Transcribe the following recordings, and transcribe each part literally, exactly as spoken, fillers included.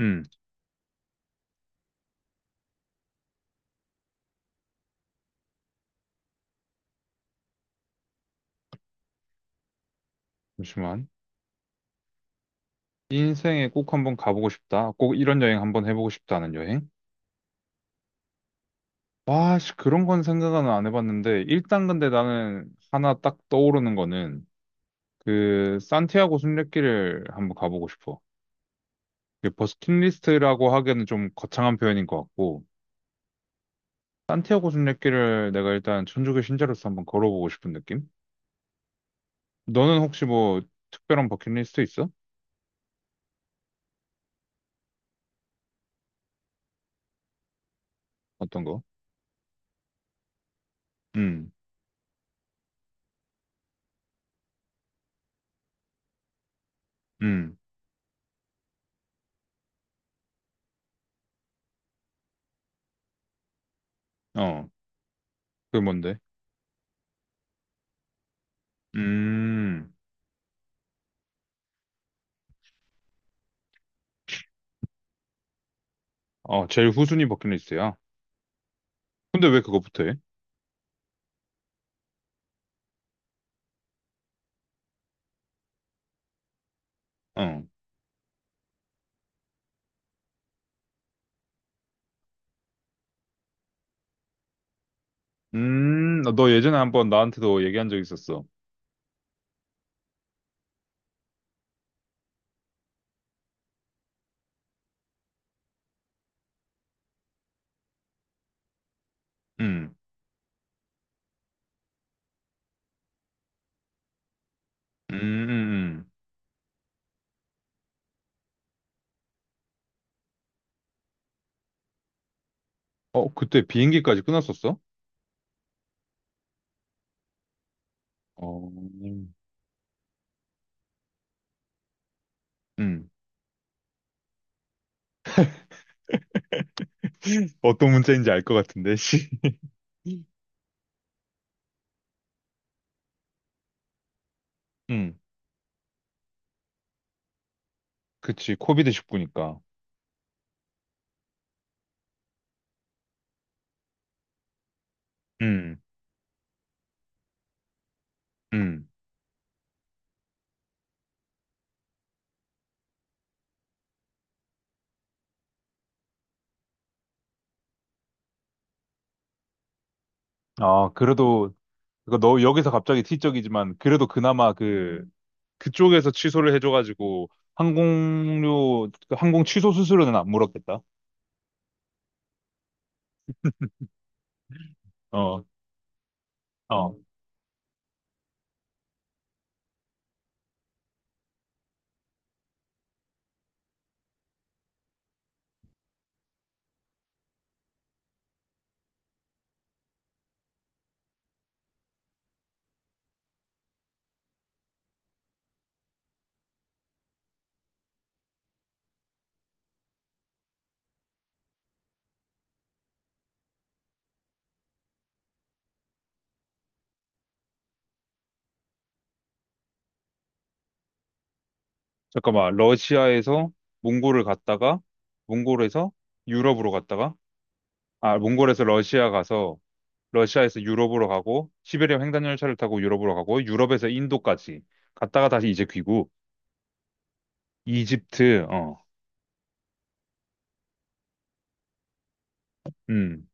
음, 잠시만. 인생에 꼭 한번 가보고 싶다. 꼭 이런 여행 한번 해보고 싶다는 여행? 와, 씨, 그런 건 생각은 안 해봤는데, 일단 근데 나는 하나 딱 떠오르는 거는, 그, 산티아고 순례길을 한번 가보고 싶어. 그 버스킷리스트라고 하기에는 좀 거창한 표현인 것 같고, 산티아고 순례길을 내가 일단 천주교 신자로서 한번 걸어보고 싶은 느낌? 너는 혹시 뭐, 특별한 버킷리스트 있어? 어떤 거? 음, 음, 어, 그 뭔데? 음. 어, 제일 후순위 버킷리스트야. 근데 왜 그거부터 해? 어. 음, 너 예전에 한번 나한테도 얘기한 적 있었어. 음, 음, 음, 음. 어, 그때 비행기까지 끊었었어? 어, 음. 음. 어떤 문제인지 알 것 같은데, 씨. 음, 그치. 코비드 십구니까. 음, 음. 아, 그래도, 그거 너 여기서 갑자기 티적이지만, 그래도 그나마 그, 그쪽에서 취소를 해줘가지고, 항공료, 그 항공 취소 수수료는 안 물었겠다. 어, 어. 잠깐만, 러시아에서 몽골을 갔다가, 몽골에서 유럽으로 갔다가, 아, 몽골에서 러시아 가서, 러시아에서 유럽으로 가고, 시베리아 횡단열차를 타고 유럽으로 가고, 유럽에서 인도까지 갔다가 다시 이제 귀국. 이집트, 어, 음,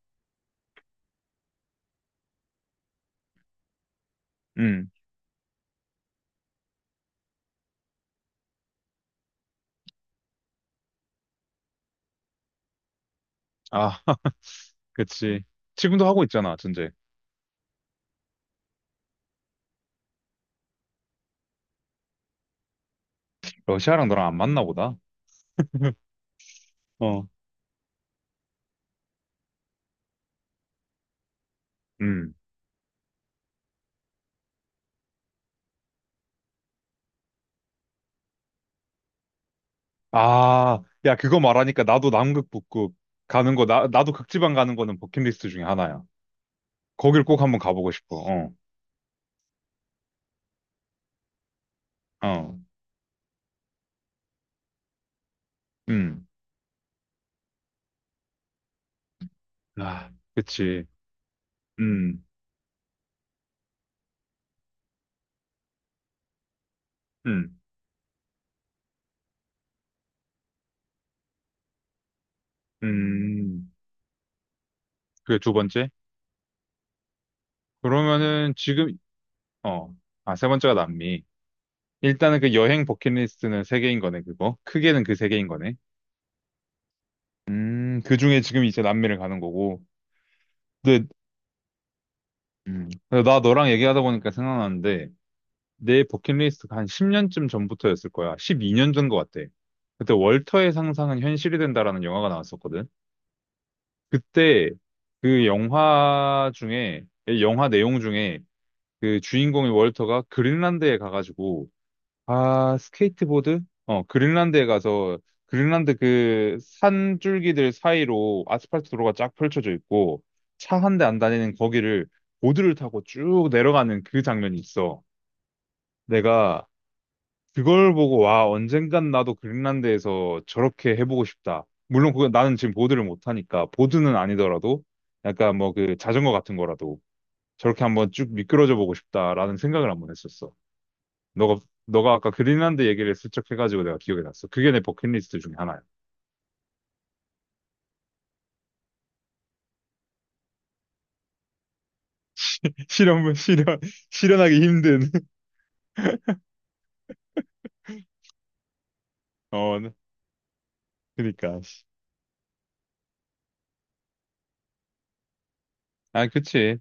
음. 아, 그치. 지금도 하고 있잖아, 전제. 러시아랑 너랑 안 맞나 보다. 어, 음. 아, 야, 그거 말하니까 나도 남극 북극 가는 거, 나, 나도 극지방 가는 거는 버킷리스트 중에 하나야. 거길 꼭 한번 가보고 싶어. 어, 어. 음, 아, 그치. 음, 음, 음. 그게 두 번째? 그러면은 지금, 어, 아, 세 번째가 남미. 일단은 그 여행 버킷리스트는 세 개인 거네, 그거. 크게는 그 세 개인 거네. 음, 그 중에 지금 이제 남미를 가는 거고. 근데, 음, 근데 나 너랑 얘기하다 보니까 생각나는데, 내 버킷리스트가 한 십 년쯤 전부터였을 거야. 십이 년 전 거 같아. 그때 월터의 상상은 현실이 된다라는 영화가 나왔었거든. 그때 그 영화 중에, 예, 영화 내용 중에 그 주인공인 월터가 그린란드에 가가지고, 아, 스케이트보드? 어, 그린란드에 가서, 그린란드 그 산줄기들 사이로 아스팔트 도로가 쫙 펼쳐져 있고, 차 한 대 안 다니는 거기를 보드를 타고 쭉 내려가는 그 장면이 있어. 내가 그걸 보고 와 언젠간 나도 그린란드에서 저렇게 해보고 싶다. 물론 그건 나는 지금 보드를 못하니까 보드는 아니더라도 약간 뭐 그 자전거 같은 거라도 저렇게 한번 쭉 미끄러져 보고 싶다라는 생각을 한번 했었어. 너가 너가 아까 그린란드 얘기를 슬쩍 해가지고 내가 기억이 났어. 그게 내 버킷리스트 중에 하나야. 실현 실현 실현하기 힘든 어 그니까 아 그치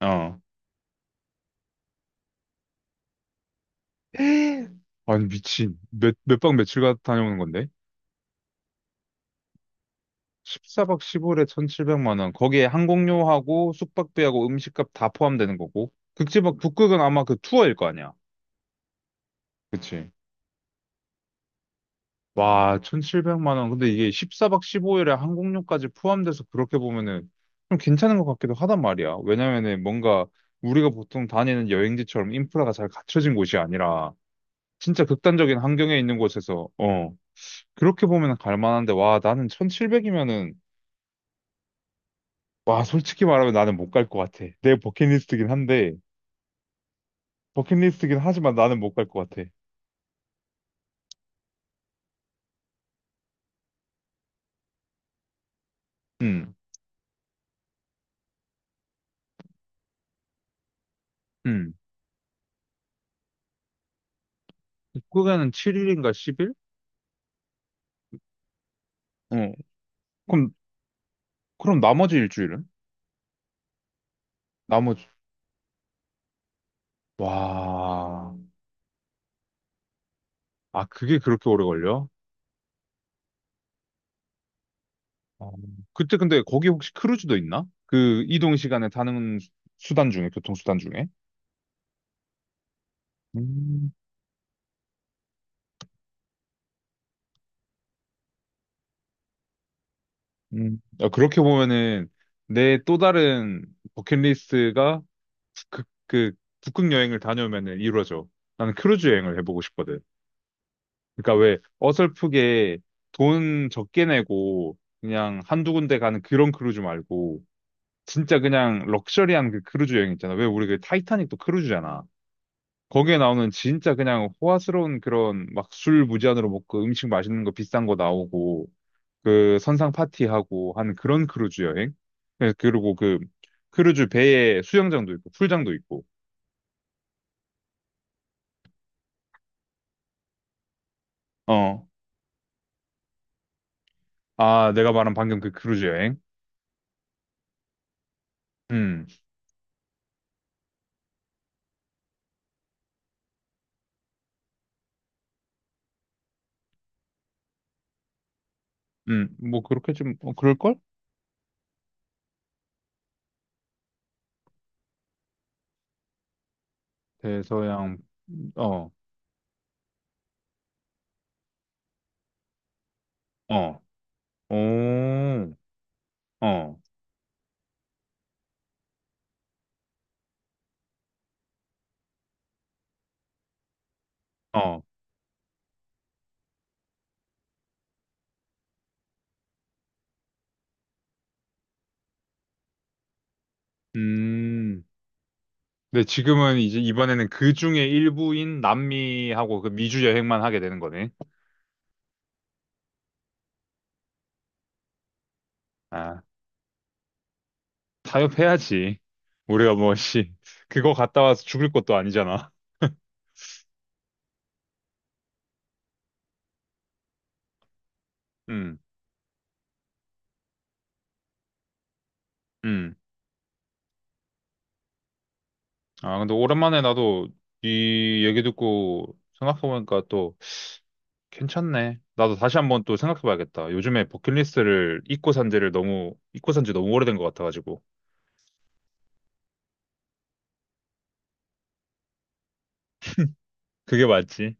어 아니 미친 몇 몇 박 며칠 가 다녀오는 건데? 십사 박 십오 일에 천칠백만 원. 거기에 항공료하고 숙박비하고 음식값 다 포함되는 거고. 극지박 북극은 아마 그 투어일 거 아니야. 그치? 와, 천칠백만 원. 근데 이게 십사 박 십오 일에 항공료까지 포함돼서 그렇게 보면은 좀 괜찮은 것 같기도 하단 말이야. 왜냐면은 뭔가 우리가 보통 다니는 여행지처럼 인프라가 잘 갖춰진 곳이 아니라 진짜 극단적인 환경에 있는 곳에서 어, 그렇게 보면 갈 만한데 와, 나는 천칠백이면은 와, 솔직히 말하면 나는 못 갈 것 같아. 내 버킷리스트긴 한데 버킷리스트긴 하지만 나는 못 갈 것 같아. 응 응. 북극에는 칠 일인가 십 일? 어. 그럼, 그럼 나머지 일주일은? 나머지, 와. 아, 그게 그렇게 오래 걸려? 어. 그때 근데 거기 혹시 크루즈도 있나? 그 이동 시간에 타는 수- 수단 중에, 교통수단 중에? 음, 음. 야, 그렇게 보면은 내 또 다른 버킷리스트가 그, 그 북극 여행을 다녀오면은 이루어져. 나는 크루즈 여행을 해보고 싶거든. 그러니까 왜 어설프게 돈 적게 내고 그냥 한두 군데 가는 그런 크루즈 말고 진짜 그냥 럭셔리한 그 크루즈 여행 있잖아. 왜 우리 그 타이타닉도 크루즈잖아. 거기에 나오는 진짜 그냥 호화스러운 그런 막 술 무제한으로 먹고 음식 맛있는 거 비싼 거 나오고 그 선상 파티하고 하는 그런 크루즈 여행. 그- 그리고 그 크루즈 배에 수영장도 있고 풀장도 있고. 어. 아, 내가 말한 방금 그 크루즈 여행. 음. 음. 뭐 그렇게 좀 어, 그럴걸? 대서양, 어, 어, 오, 어, 어, 음. 근데 지금은 이제 이번에는 그 중에 일부인 남미하고 그 미주 여행만 하게 되는 거네. 아, 타협해야지. 우리가 뭐, 씨, 그거 갔다 와서 죽을 것도 아니잖아. 음, 음. 아, 근데 오랜만에 나도 이 얘기 듣고 생각해보니까 또 괜찮네. 나도 다시 한번 또 생각해봐야겠다. 요즘에 버킷리스트를 잊고 산 지를 너무, 잊고 산지 너무 오래된 것 같아가지고. 그게 맞지.